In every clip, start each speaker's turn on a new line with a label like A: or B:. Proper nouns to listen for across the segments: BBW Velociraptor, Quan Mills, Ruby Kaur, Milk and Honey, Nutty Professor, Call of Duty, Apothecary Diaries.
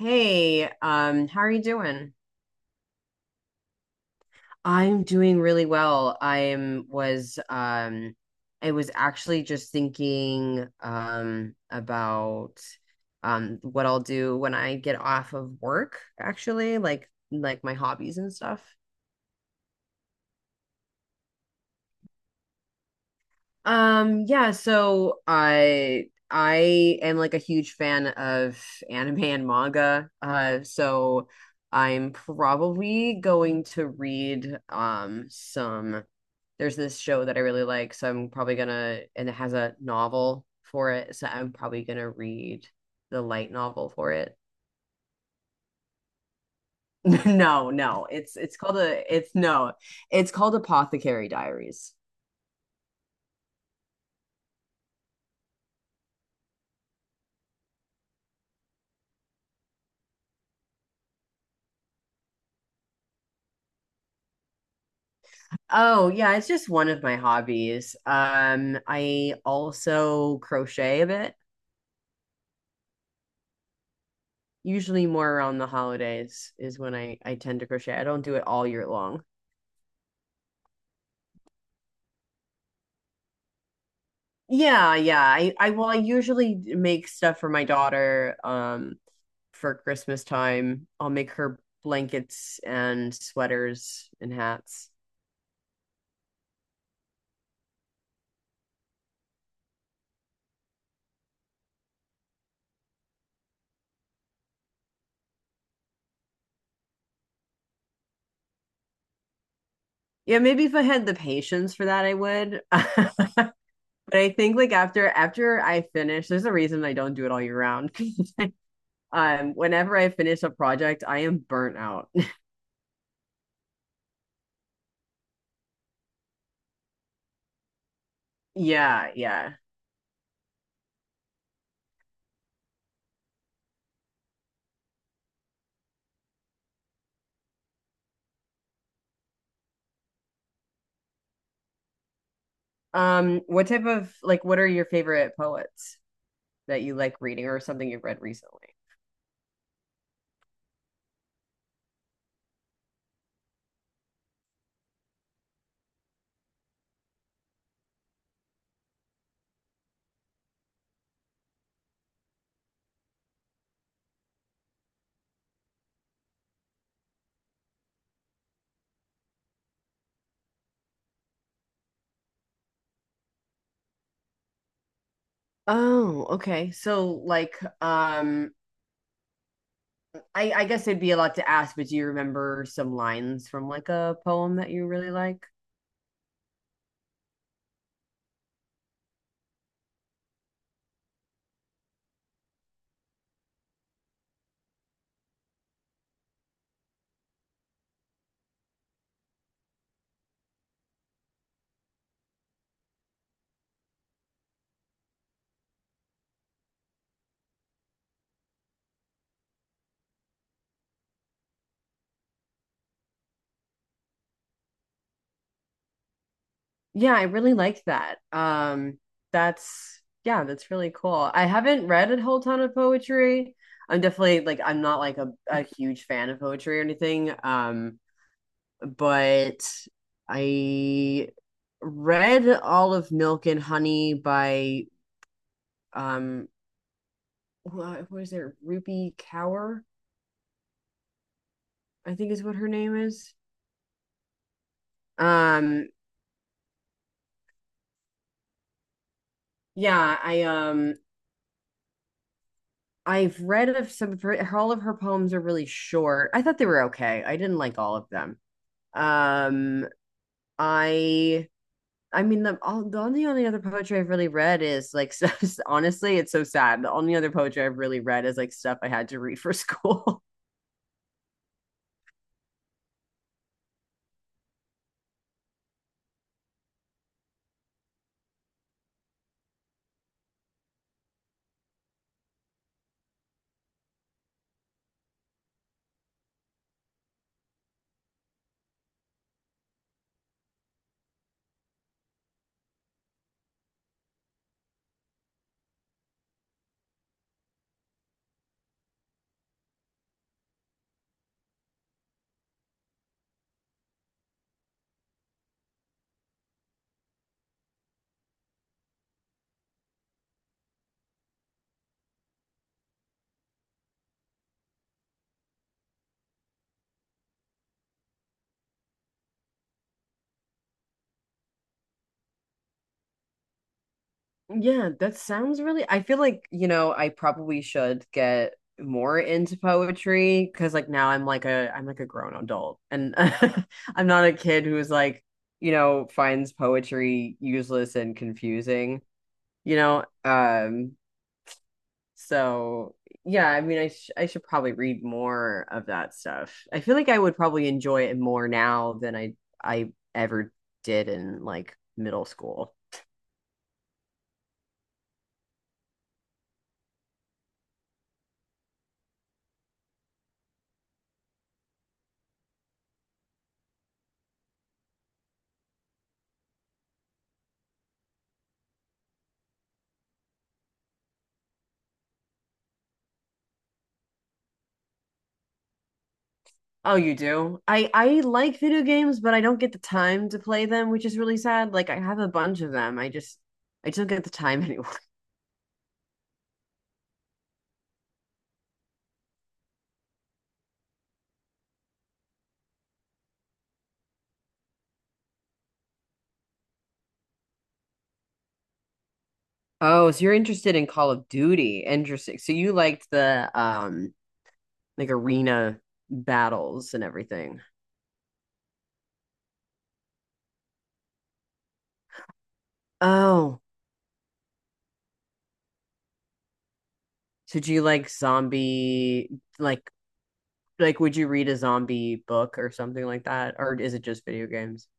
A: Hey, how are you doing? I'm doing really well. I was actually just thinking about what I'll do when I get off of work, actually, like my hobbies and stuff. Yeah, so I am like a huge fan of anime and manga. So I'm probably going to read some there's this show that I really like, so I'm probably gonna and it has a novel for it, so I'm probably gonna read the light novel for it. No, no, it's called a it's no, it's called Apothecary Diaries. Oh, yeah, it's just one of my hobbies. I also crochet a bit. Usually more around the holidays is when I tend to crochet. I don't do it all year long. Yeah, yeah. I well, I usually make stuff for my daughter for Christmas time. I'll make her blankets and sweaters and hats. Yeah, maybe if I had the patience for that, I would. But I think like after I finish, there's a reason I don't do it all year round. Whenever I finish a project, I am burnt out. Yeah, yeah. What type of what are your favorite poets that you like reading or something you've read recently? Oh, okay. So I guess it'd be a lot to ask, but do you remember some lines from like a poem that you really like? Yeah, I really like that. That's yeah, that's really cool. I haven't read a whole ton of poetry. I'm definitely like I'm not like a huge fan of poetry or anything. But I read all of Milk and Honey by um what is it, Ruby Kaur I think is what her name is. um yeah, I I've read of some of her, all of her poems are really short. I thought they were okay, I didn't like all of them. um I I mean the all the only other poetry I've really read is like stuff, honestly it's so sad, the only other poetry I've really read is like stuff I had to read for school. Yeah, that sounds really. I feel like, you know, I probably should get more into poetry because like now I'm like a grown adult and, I'm not a kid who's like, you know, finds poetry useless and confusing, you know. So yeah, I mean, I should probably read more of that stuff. I feel like I would probably enjoy it more now than I ever did in like middle school. Oh, you do? I like video games, but I don't get the time to play them, which is really sad. Like I have a bunch of them. I just don't get the time anymore. Oh, so you're interested in Call of Duty. Interesting. So you liked the like arena battles and everything. Oh, so do you like zombie, like like would you read a zombie book or something like that? Or is it just video games?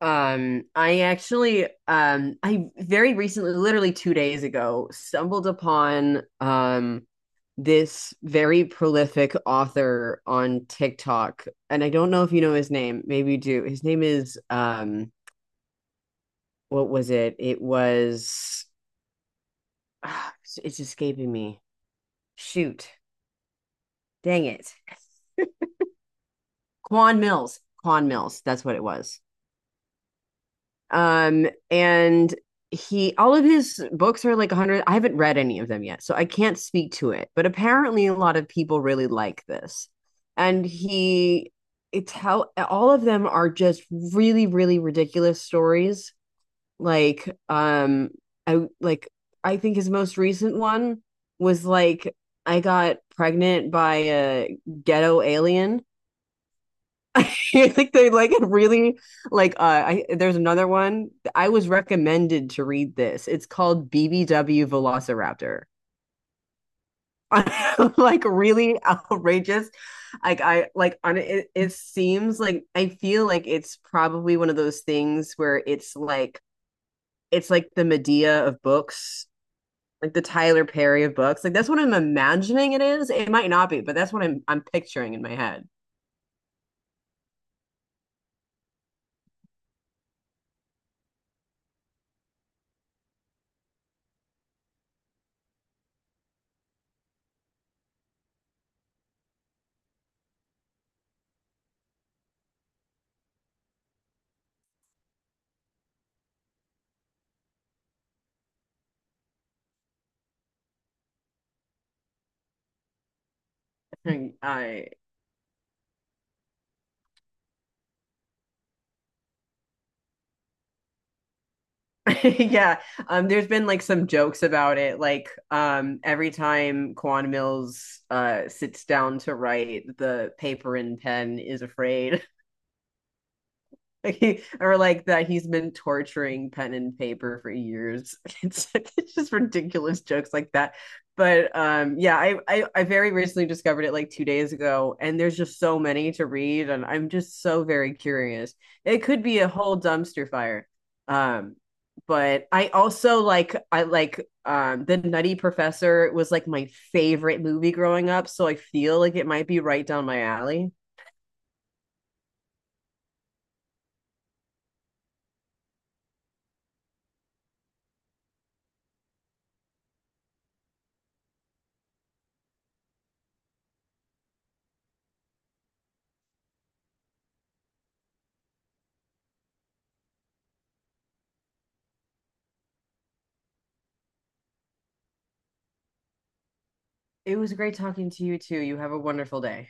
A: I actually, I very recently, literally 2 days ago, stumbled upon this very prolific author on TikTok, and I don't know if you know his name. Maybe you do. His name is what was it? It was, ah, it's escaping me. Shoot, dang it, Quan Mills. Quan Mills. That's what it was. And he all of his books are like 100. I haven't read any of them yet, so I can't speak to it, but apparently a lot of people really like this, and he it's how all of them are just really, really ridiculous stories. Like i like I think his most recent one was like I Got Pregnant by a Ghetto Alien. Like they like, it really like, I, there's another one I was recommended to read, this, it's called BBW Velociraptor. Like really outrageous. Like I like on it, it seems like, I feel like it's probably one of those things where it's like the Medea of books, like the Tyler Perry of books. Like that's what I'm imagining it is. It might not be, but that's what I'm picturing in my head. I yeah, there's been like some jokes about it. Like every time Quan Mills sits down to write, the paper and pen is afraid. Like he, or like that he's been torturing pen and paper for years. It's just ridiculous jokes like that. But yeah, I, I very recently discovered it like 2 days ago, and there's just so many to read, and I'm just so very curious. It could be a whole dumpster fire. Um, but I also like, I like the Nutty Professor was like my favorite movie growing up, so I feel like it might be right down my alley. It was great talking to you too. You have a wonderful day.